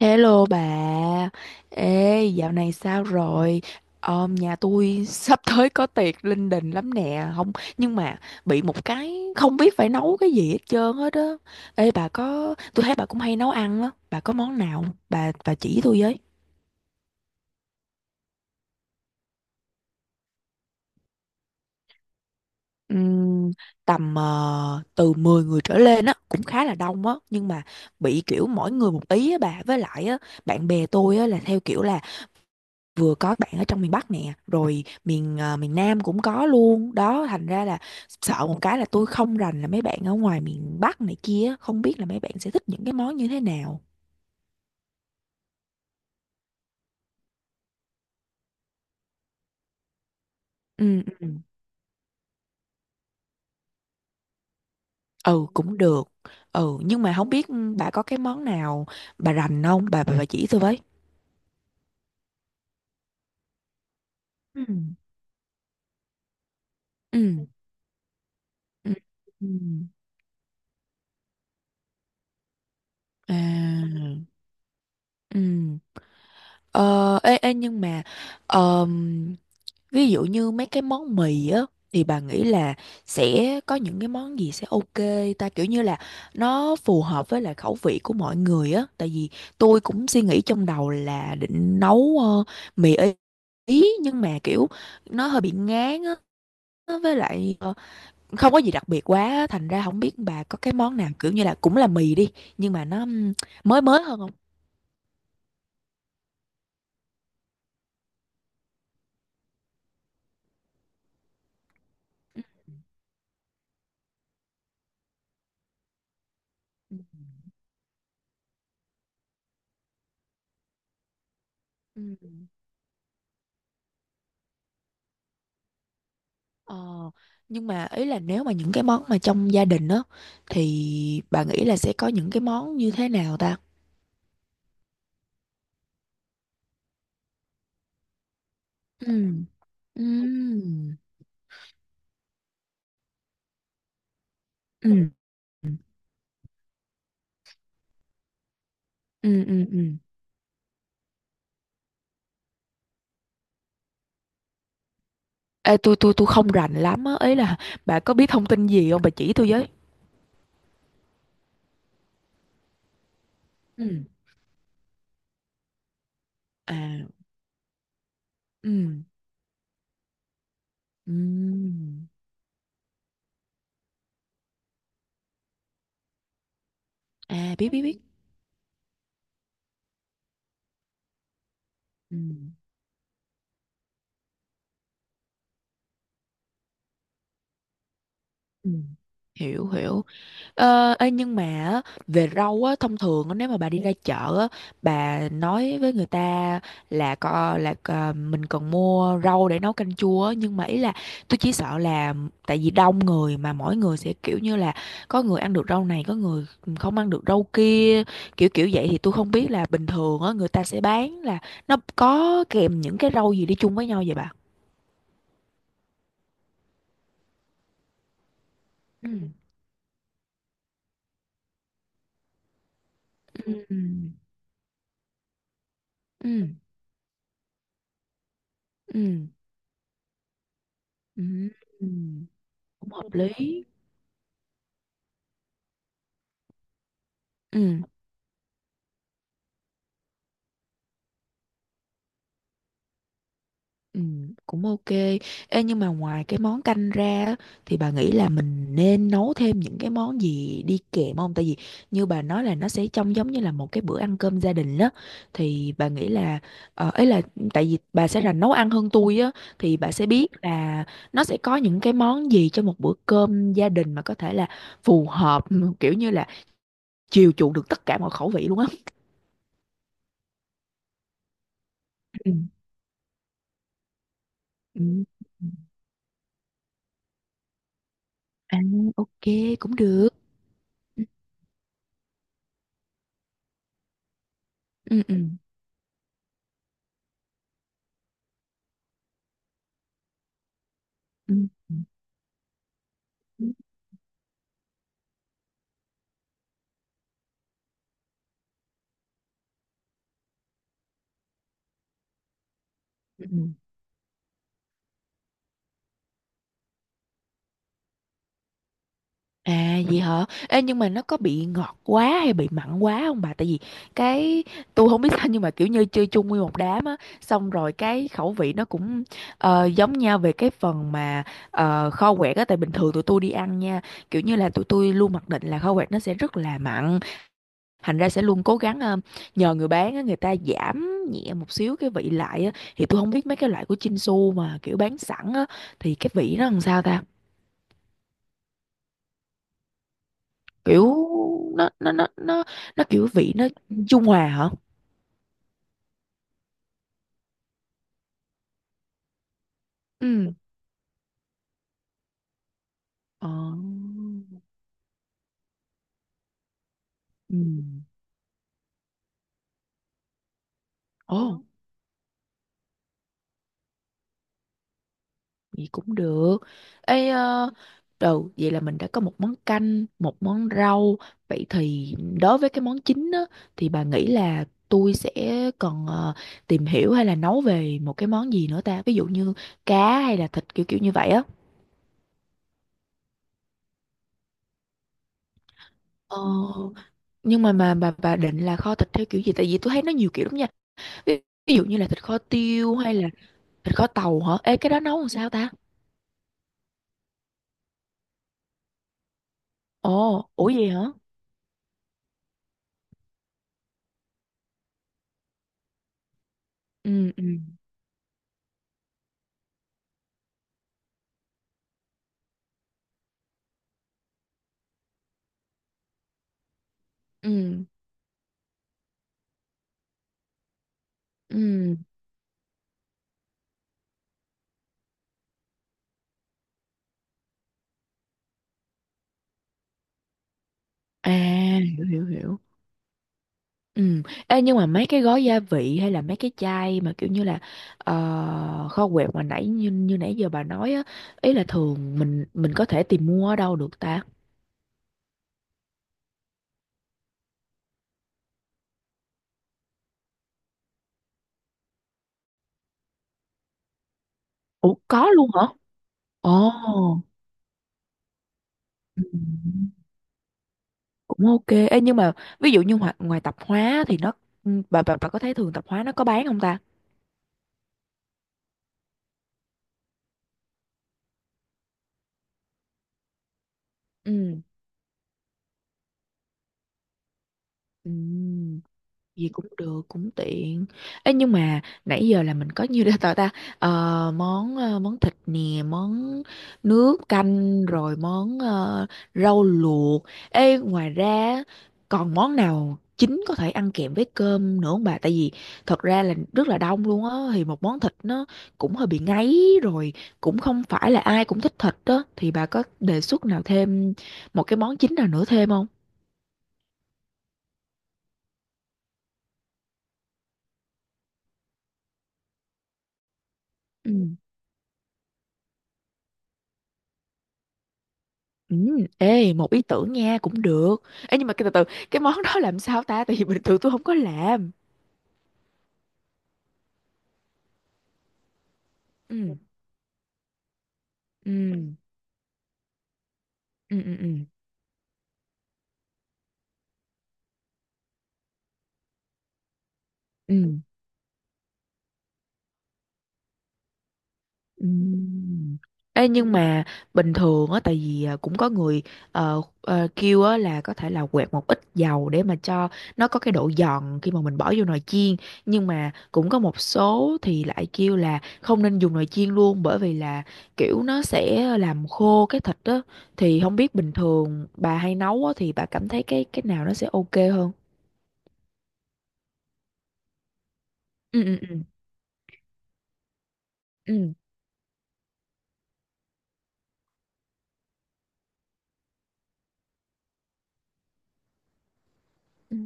Hello bà, ê dạo này sao rồi? Ờ, nhà tôi sắp tới có tiệc linh đình lắm nè, không nhưng mà bị một cái không biết phải nấu cái gì hết trơn hết á. Ê bà có, tôi thấy bà cũng hay nấu ăn á, bà có món nào bà chỉ tôi với. Ừm, tầm từ 10 người trở lên á cũng khá là đông á, nhưng mà bị kiểu mỗi người một ý á bà, với lại á bạn bè tôi á là theo kiểu là vừa có bạn ở trong miền Bắc nè, rồi miền Nam cũng có luôn đó, thành ra là sợ một cái là tôi không rành là mấy bạn ở ngoài miền Bắc này kia, không biết là mấy bạn sẽ thích những cái món như thế nào. Ừ, ừ. Ừ, cũng được. Ừ, nhưng mà không biết bà có cái món nào bà rành không bà, bà chỉ tôi với. Ừ. Ừ. Ừ. Ừ. À. Ừ. ờ ê ê nhưng mà ờm, ví dụ như mấy cái món mì á, thì bà nghĩ là sẽ có những cái món gì sẽ ok ta, kiểu như là nó phù hợp với lại khẩu vị của mọi người á, tại vì tôi cũng suy nghĩ trong đầu là định nấu mì Ý Ý, nhưng mà kiểu nó hơi bị ngán á, với lại không có gì đặc biệt quá á. Thành ra không biết bà có cái món nào kiểu như là cũng là mì đi, nhưng mà nó mới mới hơn không? Ừ. Ừ. Ờ, nhưng mà ý là nếu mà những cái món mà trong gia đình á, thì bà nghĩ là sẽ có những cái món như thế nào ta? Ừ. Ừ. Ừ. Ừ. Ừ. Ừ. Ê, tôi không rành lắm á, ý là bà có biết thông tin gì không, bà chỉ tôi với. Ừ. À. Ừ. Ừ. À, biết biết biết. Ừ. Ừ. Hiểu hiểu. Ờ, ê, nhưng mà á, về rau á thông thường á, nếu mà bà đi ra chợ á, bà nói với người ta là mình cần mua rau để nấu canh chua á, nhưng mà ý là tôi chỉ sợ là tại vì đông người mà mỗi người sẽ kiểu như là có người ăn được rau này, có người không ăn được rau kia, kiểu kiểu vậy, thì tôi không biết là bình thường á người ta sẽ bán là nó có kèm những cái rau gì đi chung với nhau vậy bà? Ừ. Ừ. Ừ. Ừ. Ừ. Ừ. Cũng hợp lý. Ừ. Ừ, cũng ok. Ê, nhưng mà ngoài cái món canh ra á, thì bà nghĩ là mình nên nấu thêm những cái món gì đi kèm không? Tại vì như bà nói là nó sẽ trông giống như là một cái bữa ăn cơm gia đình đó. Thì bà nghĩ là ấy là tại vì bà sẽ là nấu ăn hơn tôi á, thì bà sẽ biết là nó sẽ có những cái món gì cho một bữa cơm gia đình mà có thể là phù hợp, kiểu như là chiều chuộng được tất cả mọi khẩu vị luôn á. Ừ. Ừ. À, ok, cũng được. Ừ, ừ. Ừ. Ừ. Ừ. Ừ. À vậy hả? Ê, nhưng mà nó có bị ngọt quá hay bị mặn quá không bà? Tại vì cái tôi không biết sao, nhưng mà kiểu như chơi chung nguyên một đám á, xong rồi cái khẩu vị nó cũng giống nhau về cái phần mà kho quẹt á, tại bình thường tụi tôi đi ăn nha, kiểu như là tụi tôi luôn mặc định là kho quẹt nó sẽ rất là mặn, thành ra sẽ luôn cố gắng nhờ người bán á người ta giảm nhẹ một xíu cái vị lại á, thì tôi không biết mấy cái loại của Chinsu mà kiểu bán sẵn á thì cái vị nó làm sao ta? Kiểu nó nó nó nó nó kiểu vị nó trung hòa hả. Ừ. Ờ. Ừ. Ồ, vậy cũng được. Ê, đầu vậy là mình đã có một món canh, một món rau, vậy thì đối với cái món chính á thì bà nghĩ là tôi sẽ còn tìm hiểu hay là nấu về một cái món gì nữa ta, ví dụ như cá hay là thịt, kiểu kiểu như vậy á. ờ nhưng mà bà định là kho thịt theo kiểu gì, tại vì tôi thấy nó nhiều kiểu lắm nha. Ví, ví dụ như là thịt kho tiêu, hay là thịt kho tàu hả? Ê cái đó nấu làm sao ta? Ồ, ủa gì hả? Ừ. Ừ. Ừ. Ừ. À, hiểu hiểu hiểu. Ừ. Ê, nhưng mà mấy cái gói gia vị hay là mấy cái chai mà kiểu như là kho quẹt mà nãy như như nãy giờ bà nói á, ý là thường mình có thể tìm mua ở đâu được ta? Ủa, có luôn hả? Ồ. Ừ. Cũng ok. Ê, nhưng mà ví dụ như ngoài tạp hóa thì nó bà có thấy thường tạp hóa nó có bán không ta? Ừ. Ừm, gì cũng được, cũng tiện. Ê, nhưng mà nãy giờ là mình có nhiêu để tao ta, ờ, món món thịt nè, món nước canh, rồi món rau luộc. Ê, ngoài ra còn món nào chính có thể ăn kèm với cơm nữa không bà, tại vì thật ra là rất là đông luôn á, thì một món thịt nó cũng hơi bị ngấy rồi, cũng không phải là ai cũng thích thịt đó, thì bà có đề xuất nào thêm một cái món chính nào nữa thêm không? Ừ. Ừ, ê một ý tưởng nha, cũng được. Ê nhưng mà cái từ từ, cái món đó làm sao ta, tại vì bình thường tôi không có làm. Ừ. Ừ. Ừ. Ừ. Ừ, ừ. Ừm. Ê, nhưng mà bình thường á tại vì cũng có người kêu á là có thể là quẹt một ít dầu để mà cho nó có cái độ giòn khi mà mình bỏ vô nồi chiên, nhưng mà cũng có một số thì lại kêu là không nên dùng nồi chiên luôn, bởi vì là kiểu nó sẽ làm khô cái thịt á, thì không biết bình thường bà hay nấu á thì bà cảm thấy cái nào nó sẽ ok hơn. Ừ. Ừ. Ừ. Ừ. Ừ.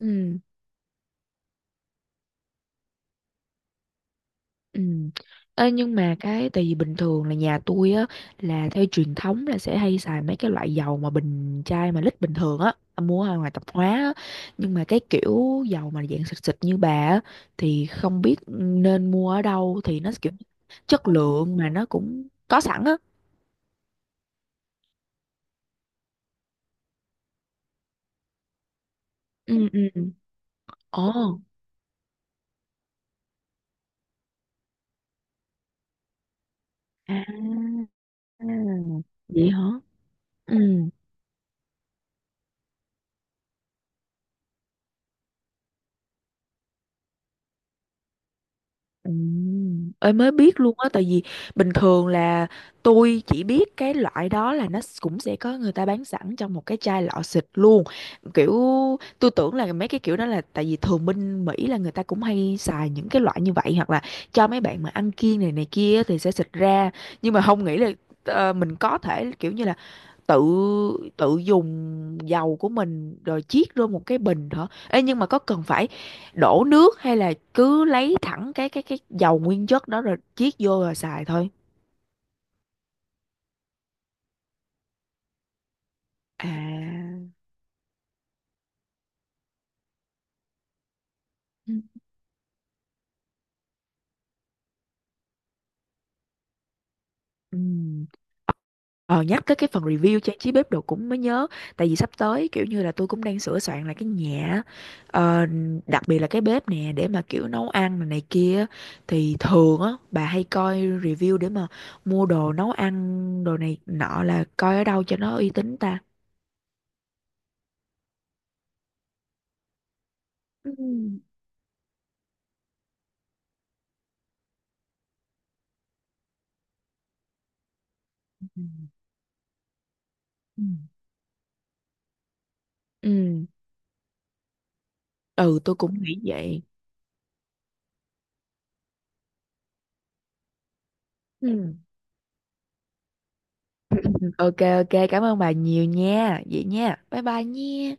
Ừ. Ừ. Ê, nhưng mà cái tại vì bình thường là nhà tôi á là theo truyền thống là sẽ hay xài mấy cái loại dầu mà bình chai mà lít bình thường á, mua ở ngoài tạp hóa á. Nhưng mà cái kiểu dầu mà dạng xịt xịt như bà á thì không biết nên mua ở đâu thì nó kiểu chất lượng mà nó cũng có sẵn á. Ừ. Ừ. Ừ. Ồ. À, vậy hả. Ừ. Ơi mới biết luôn á, tại vì bình thường là tôi chỉ biết cái loại đó là nó cũng sẽ có người ta bán sẵn trong một cái chai lọ xịt luôn, kiểu tôi tưởng là mấy cái kiểu đó là tại vì thường bên Mỹ là người ta cũng hay xài những cái loại như vậy, hoặc là cho mấy bạn mà ăn kiêng này này kia thì sẽ xịt ra, nhưng mà không nghĩ là mình có thể kiểu như là tự tự dùng dầu của mình rồi chiết vô một cái bình hả? Ê, nhưng mà có cần phải đổ nước hay là cứ lấy thẳng cái dầu nguyên chất đó rồi chiết vô rồi xài thôi? À. Ừ. Ừ. Ờ, nhắc tới cái phần review trang trí bếp đồ cũng mới nhớ, tại vì sắp tới kiểu như là tôi cũng đang sửa soạn lại cái nhà á. Ờ, đặc biệt là cái bếp nè, để mà kiểu nấu ăn này, này kia. Thì thường á bà hay coi review để mà mua đồ nấu ăn, đồ này nọ là coi ở đâu cho nó uy tín ta? Ừ. Ừ. Ừ. Ừ, ừ, tôi cũng nghĩ vậy. Ừ. Ok, ok, cảm ơn bà nhiều nha. Vậy nha. Bye bye nha.